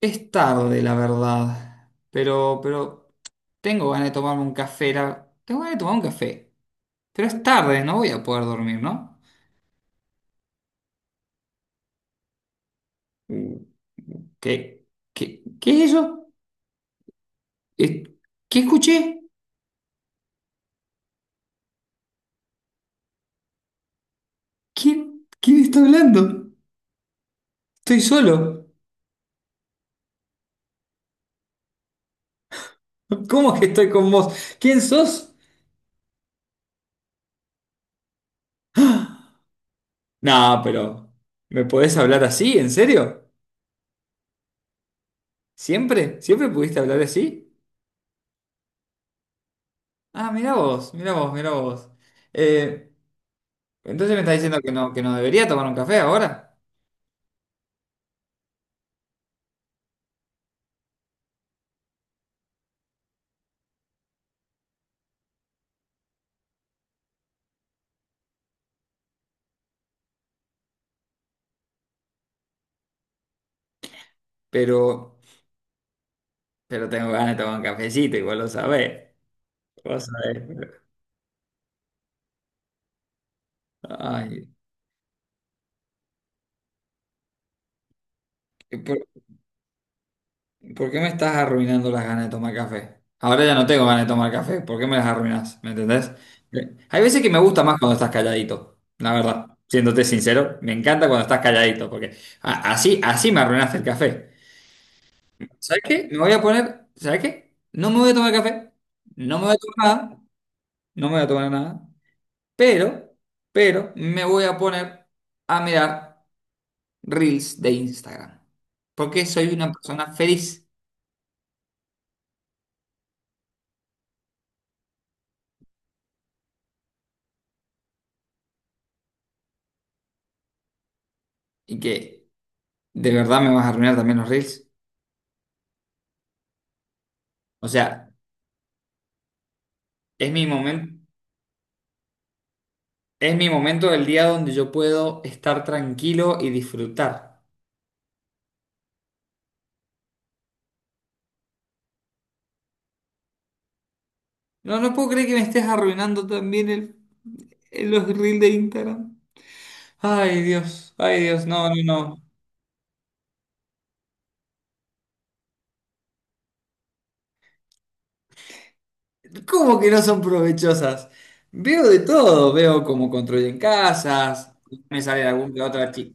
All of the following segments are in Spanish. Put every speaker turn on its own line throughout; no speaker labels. Es tarde, la verdad. Pero tengo ganas de tomarme un café. Tengo ganas de tomar un café. Pero es tarde, no voy a poder dormir, ¿no? Mm. ¿Qué, qué es eso? Eh, ¿Qué escuché? ¿Quién está hablando? Estoy solo. ¿Cómo que estoy con vos? ¿Quién sos? No, pero ¿me podés hablar así? ¿En serio? ¿Siempre? ¿Siempre pudiste hablar así? Ah, mirá vos, mirá vos, mirá vos. Eh, Entonces me está diciendo que no debería tomar un café ahora, pero, pero tengo ganas de tomar un cafecito, igual lo sabés. Vos sabés, ay, ¿y ¿por, por qué me estás arruinando las ganas de tomar café? Ahora ya no tengo ganas de tomar café, ¿por qué me las arruinas? ¿Me entendés? Hay veces que me gusta más cuando estás calladito, la verdad, siéndote sincero, me encanta cuando estás calladito, porque así me arruinaste el café. ¿Sabes qué? Me voy a poner, ¿sabes qué? No me voy a tomar café, no me voy a tomar nada, no me voy a tomar nada. Pero, pero me voy a poner a mirar reels de Instagram. Porque soy una persona feliz y que de verdad me vas a arruinar también los reels. O sea, es mi momento, es mi momento del día donde yo puedo estar tranquilo y disfrutar. No, no puedo creer que me estés arruinando también los reels de Instagram. Ay, Dios, no, no, no. ¿Cómo que no son provechosas? Veo de todo, veo cómo construyen casas, me sale alguna que otra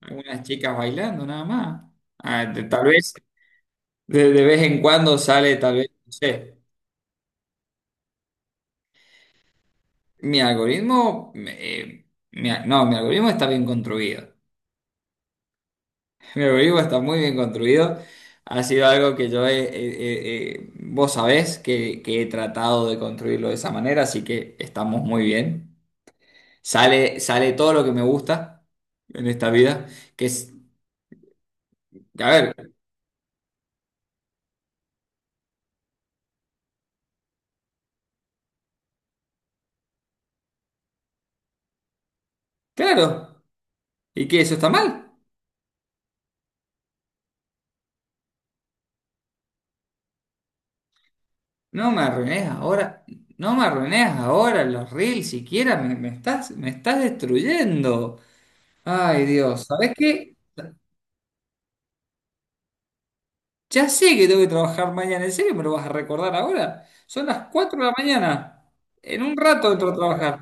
algunas chicas bailando nada más. Ah, tal vez de vez en cuando sale, tal vez, no sé. Mi algoritmo, no, mi algoritmo está bien construido. Mi algoritmo está muy bien construido. Ha sido algo que yo vos sabés que he tratado de construirlo de esa manera, así que estamos muy bien. Sale, sale todo lo que me gusta en esta vida, que es, a ver, claro, ¿y qué? ¿Eso está mal? No me arruines ahora, no me arruines ahora los reels siquiera, me estás destruyendo. Ay, Dios, ¿sabes qué? Ya sé que tengo que trabajar mañana, ¿en serio me lo vas a recordar ahora? Son las 4 de la mañana, en un rato entro a trabajar.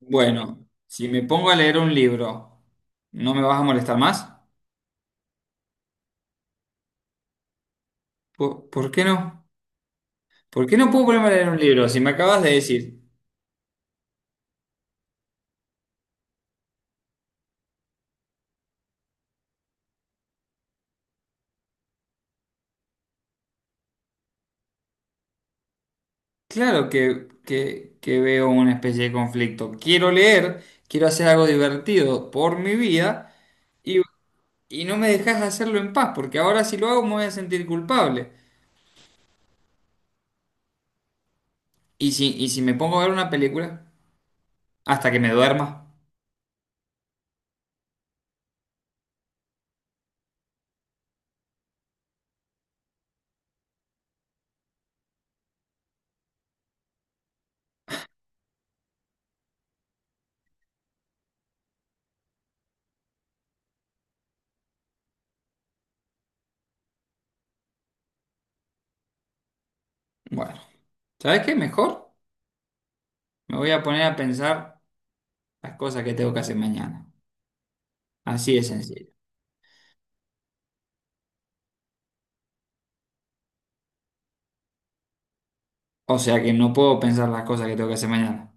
Bueno, si me pongo a leer un libro, ¿no me vas a molestar más? ¿Por qué no? ¿Por qué no puedo ponerme a leer un libro? Si me acabas de decir, claro que veo una especie de conflicto. Quiero leer, quiero hacer algo divertido por mi vida y, y no me dejas hacerlo en paz, porque ahora si lo hago me voy a sentir culpable. Y si me pongo a ver una película hasta que me duerma, bueno, ¿sabes qué? Mejor me voy a poner a pensar las cosas que tengo que hacer mañana. Así de sencillo. O sea que no puedo pensar las cosas que tengo que hacer mañana.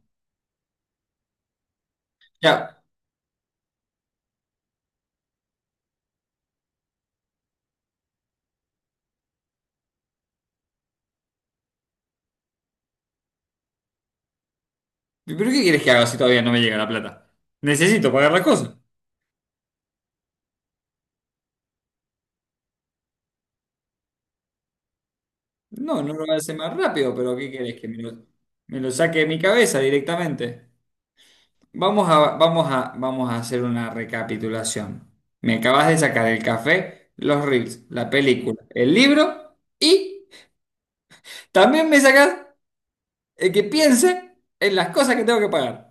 Ya. ¿Pero qué quieres que haga si todavía no me llega la plata? Necesito pagar las cosas. No, no lo voy a hacer más rápido, pero ¿qué quieres que me lo saque de mi cabeza directamente? Vamos a hacer una recapitulación. Me acabas de sacar el café, los reels, la película, el libro y también me sacas el que piense en las cosas que tengo que pagar.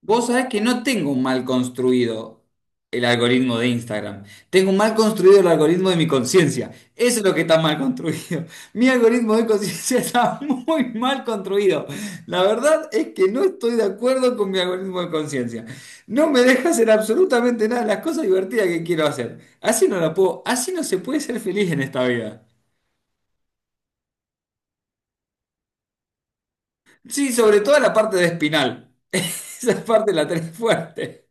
Vos sabés que no tengo un mal construido el algoritmo de Instagram. Tengo mal construido el algoritmo de mi conciencia. Eso es lo que está mal construido. Mi algoritmo de conciencia está muy mal construido. La verdad es que no estoy de acuerdo con mi algoritmo de conciencia. No me deja hacer absolutamente nada de las cosas divertidas que quiero hacer. Así no la puedo, así no se puede ser feliz en esta vida. Sí, sobre todo la parte de espinal. Esa parte la tenés fuerte.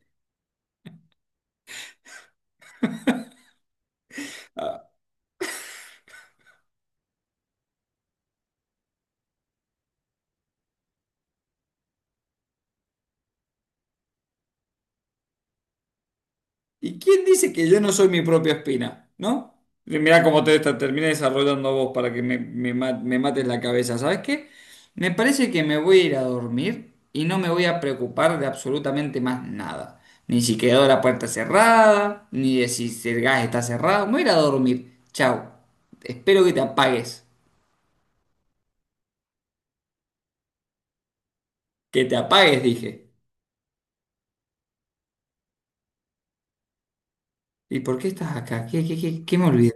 ¿Y quién dice que yo no soy mi propia espina? ¿No? Y mirá cómo te terminé desarrollando vos para que me mates la cabeza. ¿Sabes qué? Me parece que me voy a ir a dormir y no me voy a preocupar de absolutamente más nada. Ni si quedó la puerta cerrada, ni de si el gas está cerrado. Me voy a ir a dormir. Chao. Espero que te apagues. Que te apagues, dije. ¿Y por qué estás acá? ¿Qué me olvidé?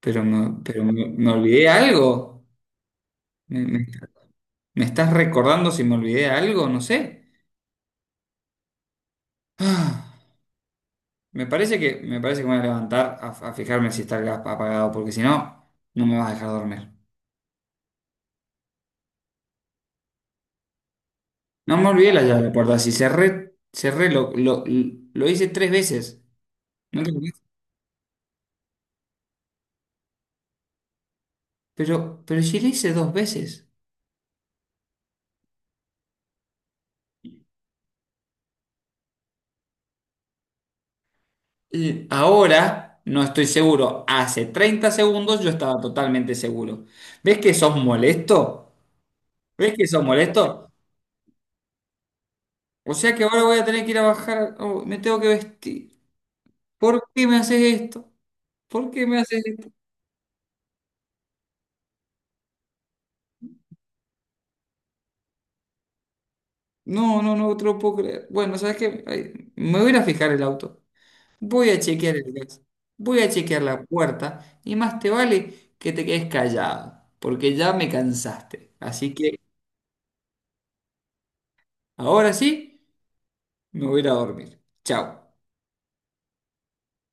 ¿Me olvidé algo? ¿Me estás recordando si me olvidé algo? No sé. Ah, Me parece que me voy a levantar a fijarme si está el gas apagado, porque si no, no me vas a dejar dormir. No me olvidé la llave de la puerta. Si cerré, cerré, lo hice tres veces. ¿No te acordás? Pero si le hice dos veces. Y ahora no estoy seguro. Hace 30 segundos yo estaba totalmente seguro. ¿Ves que sos molesto? ¿Ves que sos molesto? O sea que ahora voy a tener que ir a bajar. Oh, me tengo que vestir. ¿Por qué me haces esto? ¿Por qué me haces esto? No, no, no te lo puedo creer. Bueno, ¿sabes qué? Ay, me voy a ir a fijar el auto. Voy a chequear el gas. Voy a chequear la puerta. Y más te vale que te quedes callado, porque ya me cansaste. Así que ahora sí, me voy a ir a dormir. Chao.